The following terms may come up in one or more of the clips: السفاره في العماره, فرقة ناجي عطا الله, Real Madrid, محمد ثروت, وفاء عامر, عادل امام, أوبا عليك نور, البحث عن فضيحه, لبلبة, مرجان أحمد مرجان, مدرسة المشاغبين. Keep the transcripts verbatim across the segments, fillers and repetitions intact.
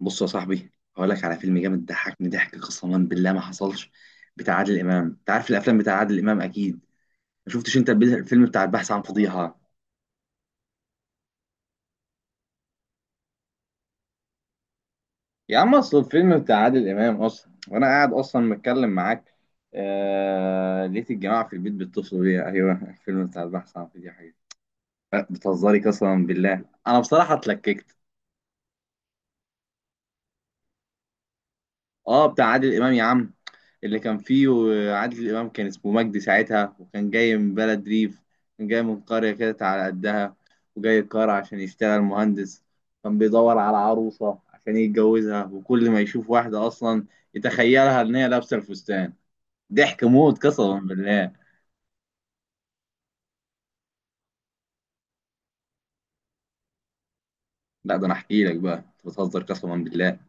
بص يا صاحبي، هقول لك على فيلم جامد ضحكني ضحك قسما بالله ما حصلش بتاع عادل امام. انت عارف الافلام بتاع عادل امام اكيد. ما شفتش انت البي- الفيلم بتاع البحث عن فضيحه؟ يا عم اصل الفيلم بتاع عادل امام اصلا وانا قاعد اصلا متكلم معاك. آه... لقيت الجماعه في البيت بيتصلوا بيا. ايوه، الفيلم بتاع البحث عن فضيحه. أه، بتهزري؟ قسما بالله انا بصراحه اتلككت. اه، بتاع عادل امام يا عم. اللي كان فيه عادل امام كان اسمه مجدي ساعتها، وكان جاي من بلد ريف. كان جاي من قريه كده على قدها، وجاي القاهره عشان يشتغل مهندس. كان بيدور على عروسه عشان يتجوزها، وكل ما يشوف واحده اصلا يتخيلها ان هي لابسه الفستان. ضحك موت قسما بالله. لا، ده انا احكي لك بقى، انت بتهزر قسما بالله.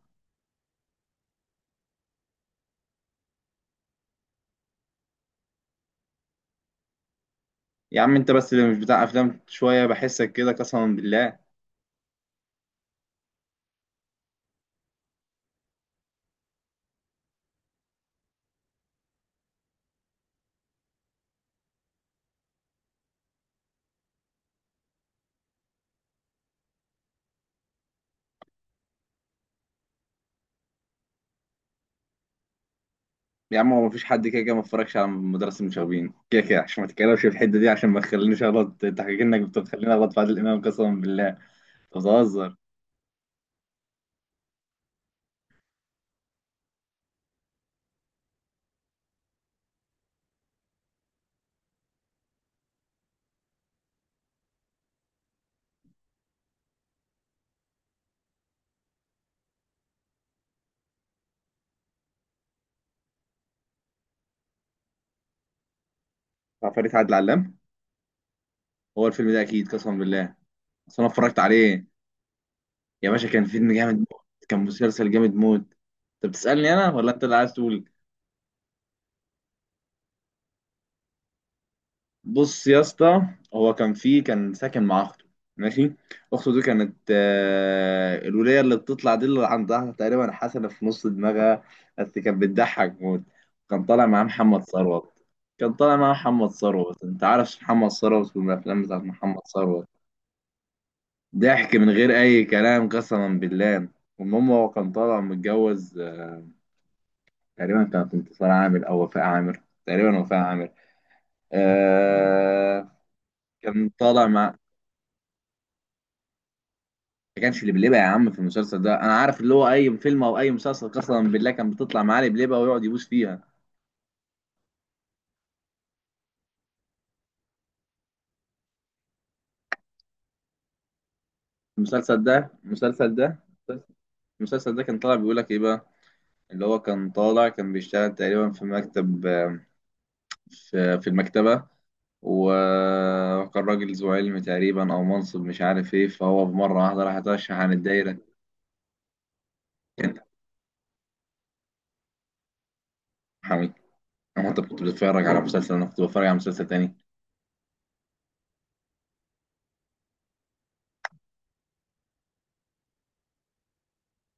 يا عم انت بس اللي مش بتاع افلام شويه، بحسك كده قسما بالله. يا عم هو مفيش حد كده كده ما اتفرجش على مدرسة المشاغبين، كده كده عشان ما تتكلمش في الحتة دي، عشان ما تخلينيش اغلط. انت حكيت انك بتخليني اغلط في عادل امام؟ قسما بالله انت بتهزر. عفاريت عادل علام. هو الفيلم ده اكيد قسما بالله، اصل انا اتفرجت عليه. يا باشا كان فيلم جامد موت، كان مسلسل جامد موت. انت بتسألني انا ولا انت اللي عايز تقول؟ بص يا اسطى، هو كان فيه كان ساكن مع اخته. ماشي. اخته دي كانت آه، الولية اللي بتطلع دي، اللي عندها تقريبا حسنة في نص دماغها، بس كانت بتضحك موت. كان طالع معاه محمد ثروت. كان طالع معاه محمد ثروت، انت عارف محمد ثروت والافلام بتاعت محمد ثروت. ضحك من غير اي كلام قسما بالله. المهم هو كان طالع متجوز، آه، تقريبا كانت انتصار عامر او وفاء عامر، تقريبا وفاء عامر. آه كان طالع مع ما كانش لبلبة يا عم في المسلسل ده. انا عارف اللي هو اي فيلم او اي مسلسل قسما بالله كان بتطلع معاه لبلبة ويقعد يبوس فيها. المسلسل ده المسلسل ده المسلسل ده كان طالع بيقول لك ايه بقى؟ اللي هو كان طالع كان بيشتغل تقريبا في مكتب، في, في المكتبة، و- وكان راجل ذو علم تقريبا او منصب مش عارف ايه، فهو بمرة واحدة راح اترشح عن الدايرة. كان حميد. انا انت كنت بتتفرج على مسلسل، انا كنت بتفرج على مسلسل تاني.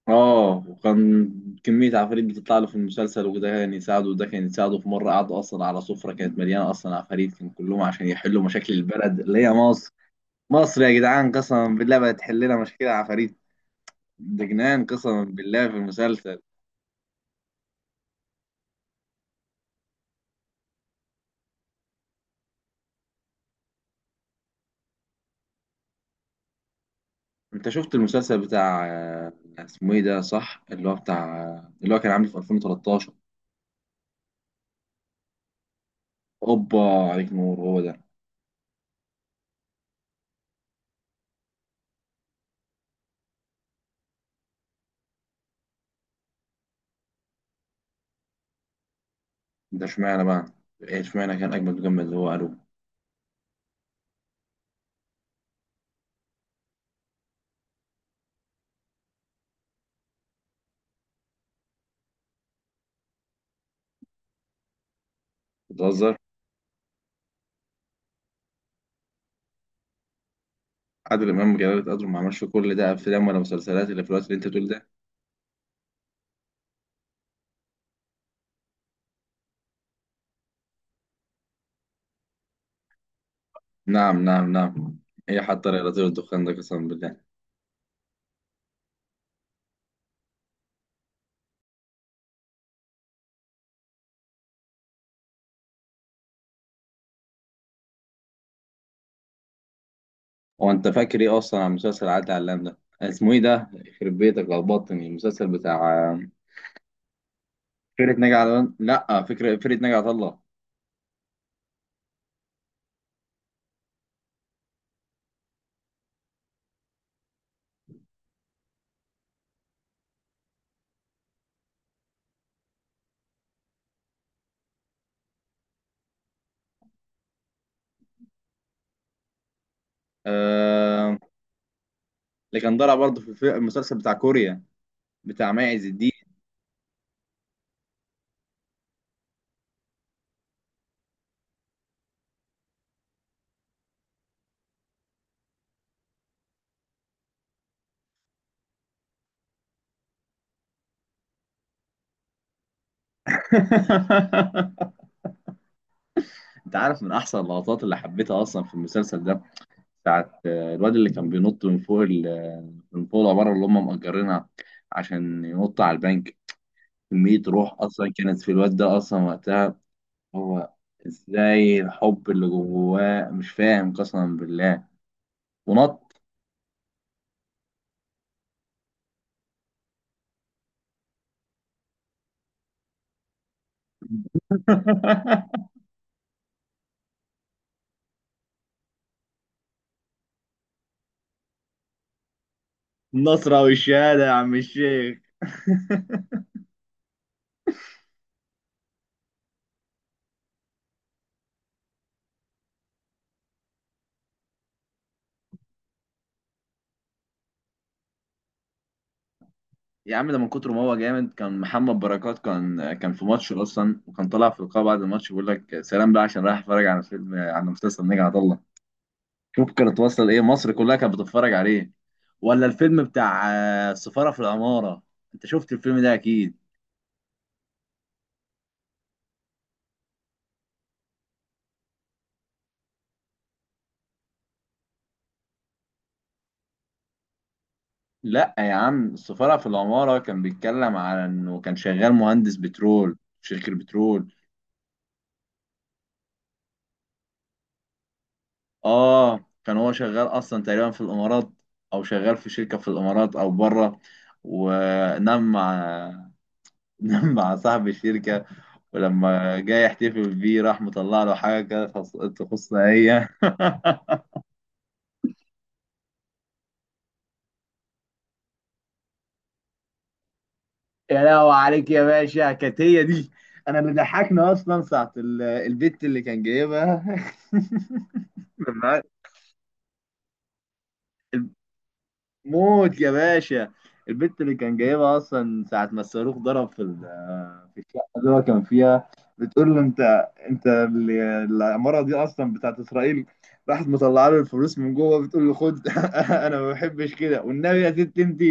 اه، وكان كمية عفاريت بتطلع له في المسلسل، وده كان يساعده وده كان يساعده. في مرة قعدوا أصلا على سفرة كانت مليانة أصلا عفاريت، كان كلهم عشان يحلوا مشاكل البلد اللي هي مصر. مصر يا جدعان قسما بالله بقت تحل لنا مشاكل عفاريت. ده جنان قسما بالله في المسلسل. أنت شفت المسلسل بتاع آه، اسمه إيه ده صح اللي هو بتاع اللي هو كان عامل في ألفين وتلتاشر؟ أوبا، عليك نور هو ده. ده اشمعنى بقى؟ إيه اشمعنى كان أجمد، وجمد اللي هو قالوه. بتهزر. عادل امام جلالة قدره ما عملش كل ده افلام ولا مسلسلات اللي في الوقت اللي انت بتقول ده. نعم نعم نعم. ايه حتى الرياضي والدخان ده قسما بالله. هو انت فاكر ايه اصلا عن مسلسل عادل علام ده؟ اسمه ايه ده يخرب بيتك، لخبطتني. المسلسل بتاع فرقة ناجي عطا، لا فكرة فرقة ناجي عطا الله. آه... اللي كان طالع برضه في في المسلسل بتاع كوريا، بتاع ماعز الدين. انت عارف من احسن اللقطات اللي حبيتها اصلا في المسلسل ده؟ ساعة آه، الواد اللي كان بينط من فوق ال- آه، من فوق العمارة اللي هم مأجرينها، عشان ينط على البنك. كمية روح أصلا كانت في الواد ده أصلا وقتها. هو إزاي الحب اللي جواه مش فاهم قسما بالله. ونط. النصرة والشهادة يا عم الشيخ. يا عم ده من كتر ما هو جامد، كان محمد بركات كان كان في ماتش أصلا، وكان طالع في لقاء بعد الماتش بيقول لك سلام بقى عشان رايح أتفرج على فيلم، على مسلسل نجا عطله. شوف كانت واصله لايه، مصر كلها كانت بتتفرج عليه. ولا الفيلم بتاع آه، السفاره في العماره. انت شفت الفيلم ده اكيد. لا يا عم، السفاره في العماره كان بيتكلم على انه كان شغال مهندس بترول في شركه بترول. اه، كان هو شغال اصلا تقريبا في الامارات، او شغال في شركه في الامارات او بره. ونام مع، نام مع صاحب الشركه. ولما جاي يحتفل بيه راح مطلع له حاجه كده تخص- تخصنا هي. يا لهوي عليك يا باشا، كانت هي دي. انا اللي ضحكنا اصلا ساعه ال- البت اللي كان جايبها. لما- موت يا باشا، البت اللي كان جايبها اصلا ساعه ما الصاروخ ضرب في ال- في الشقه اللي هو كان فيها، بتقول له انت انت ال- العماره دي اصلا بتاعت اسرائيل. راحت مطلعه له الفلوس من جوه بتقول له خد. انا ما بحبش كده، والنبي يا ست انت.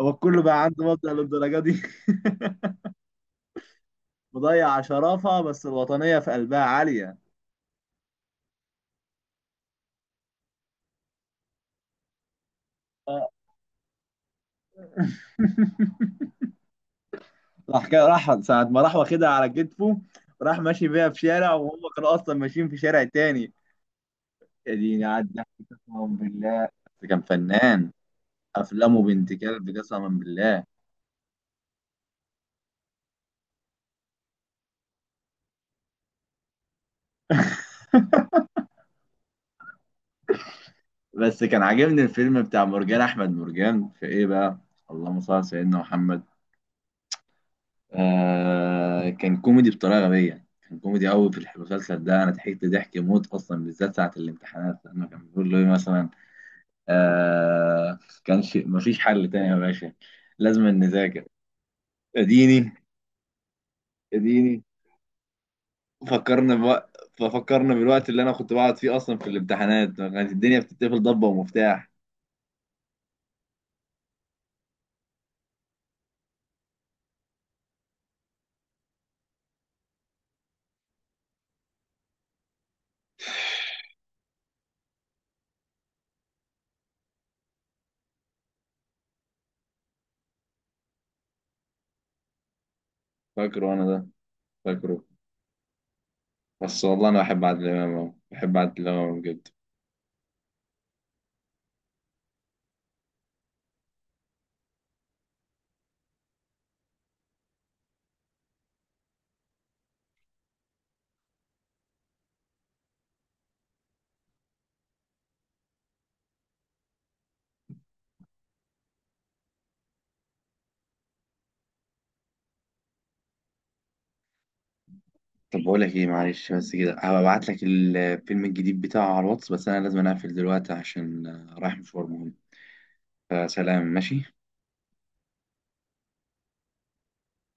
هو كله بقى عنده وضع للدرجه دي. مضيع شرافه بس الوطنيه في قلبها عاليه. راح كده، راح ساعة ما راح واخدها على كتفه، راح ماشي بيها في شارع وهم كانوا أصلا ماشيين في شارع تاني. يا ديني عدى قسما بالله، بس كان فنان. أفلامه بنت كلب قسما بالله. بس كان عاجبني الفيلم بتاع مرجان أحمد مرجان في إيه بقى. اللهم صل على سيدنا محمد. آه كان كوميدي بطريقة غبية، كان كوميدي قوي في المسلسل ده. أنا ضحكت ضحك موت أصلا بالذات ساعة الامتحانات لما كان بيقول له إيه مثلا. آه كانش مفيش حل تاني يا باشا، لازم نذاكر. اديني، اديني. فكرنا بوقت، ففكرنا بالوقت اللي انا كنت بقعد فيه اصلا في الامتحانات كانت الدنيا بتتقفل ضبه ومفتاح. فاكره انا ده، فاكره. بس والله انا بحب عادل امام أوي. بحب عادل امام أوي بجد. طب بقول لك ايه، معلش بس كده هبعت لك الفيلم الجديد بتاعه على الواتس، بس انا لازم اقفل دلوقتي عشان رايح مشوار مهم. فسلام، ماشي.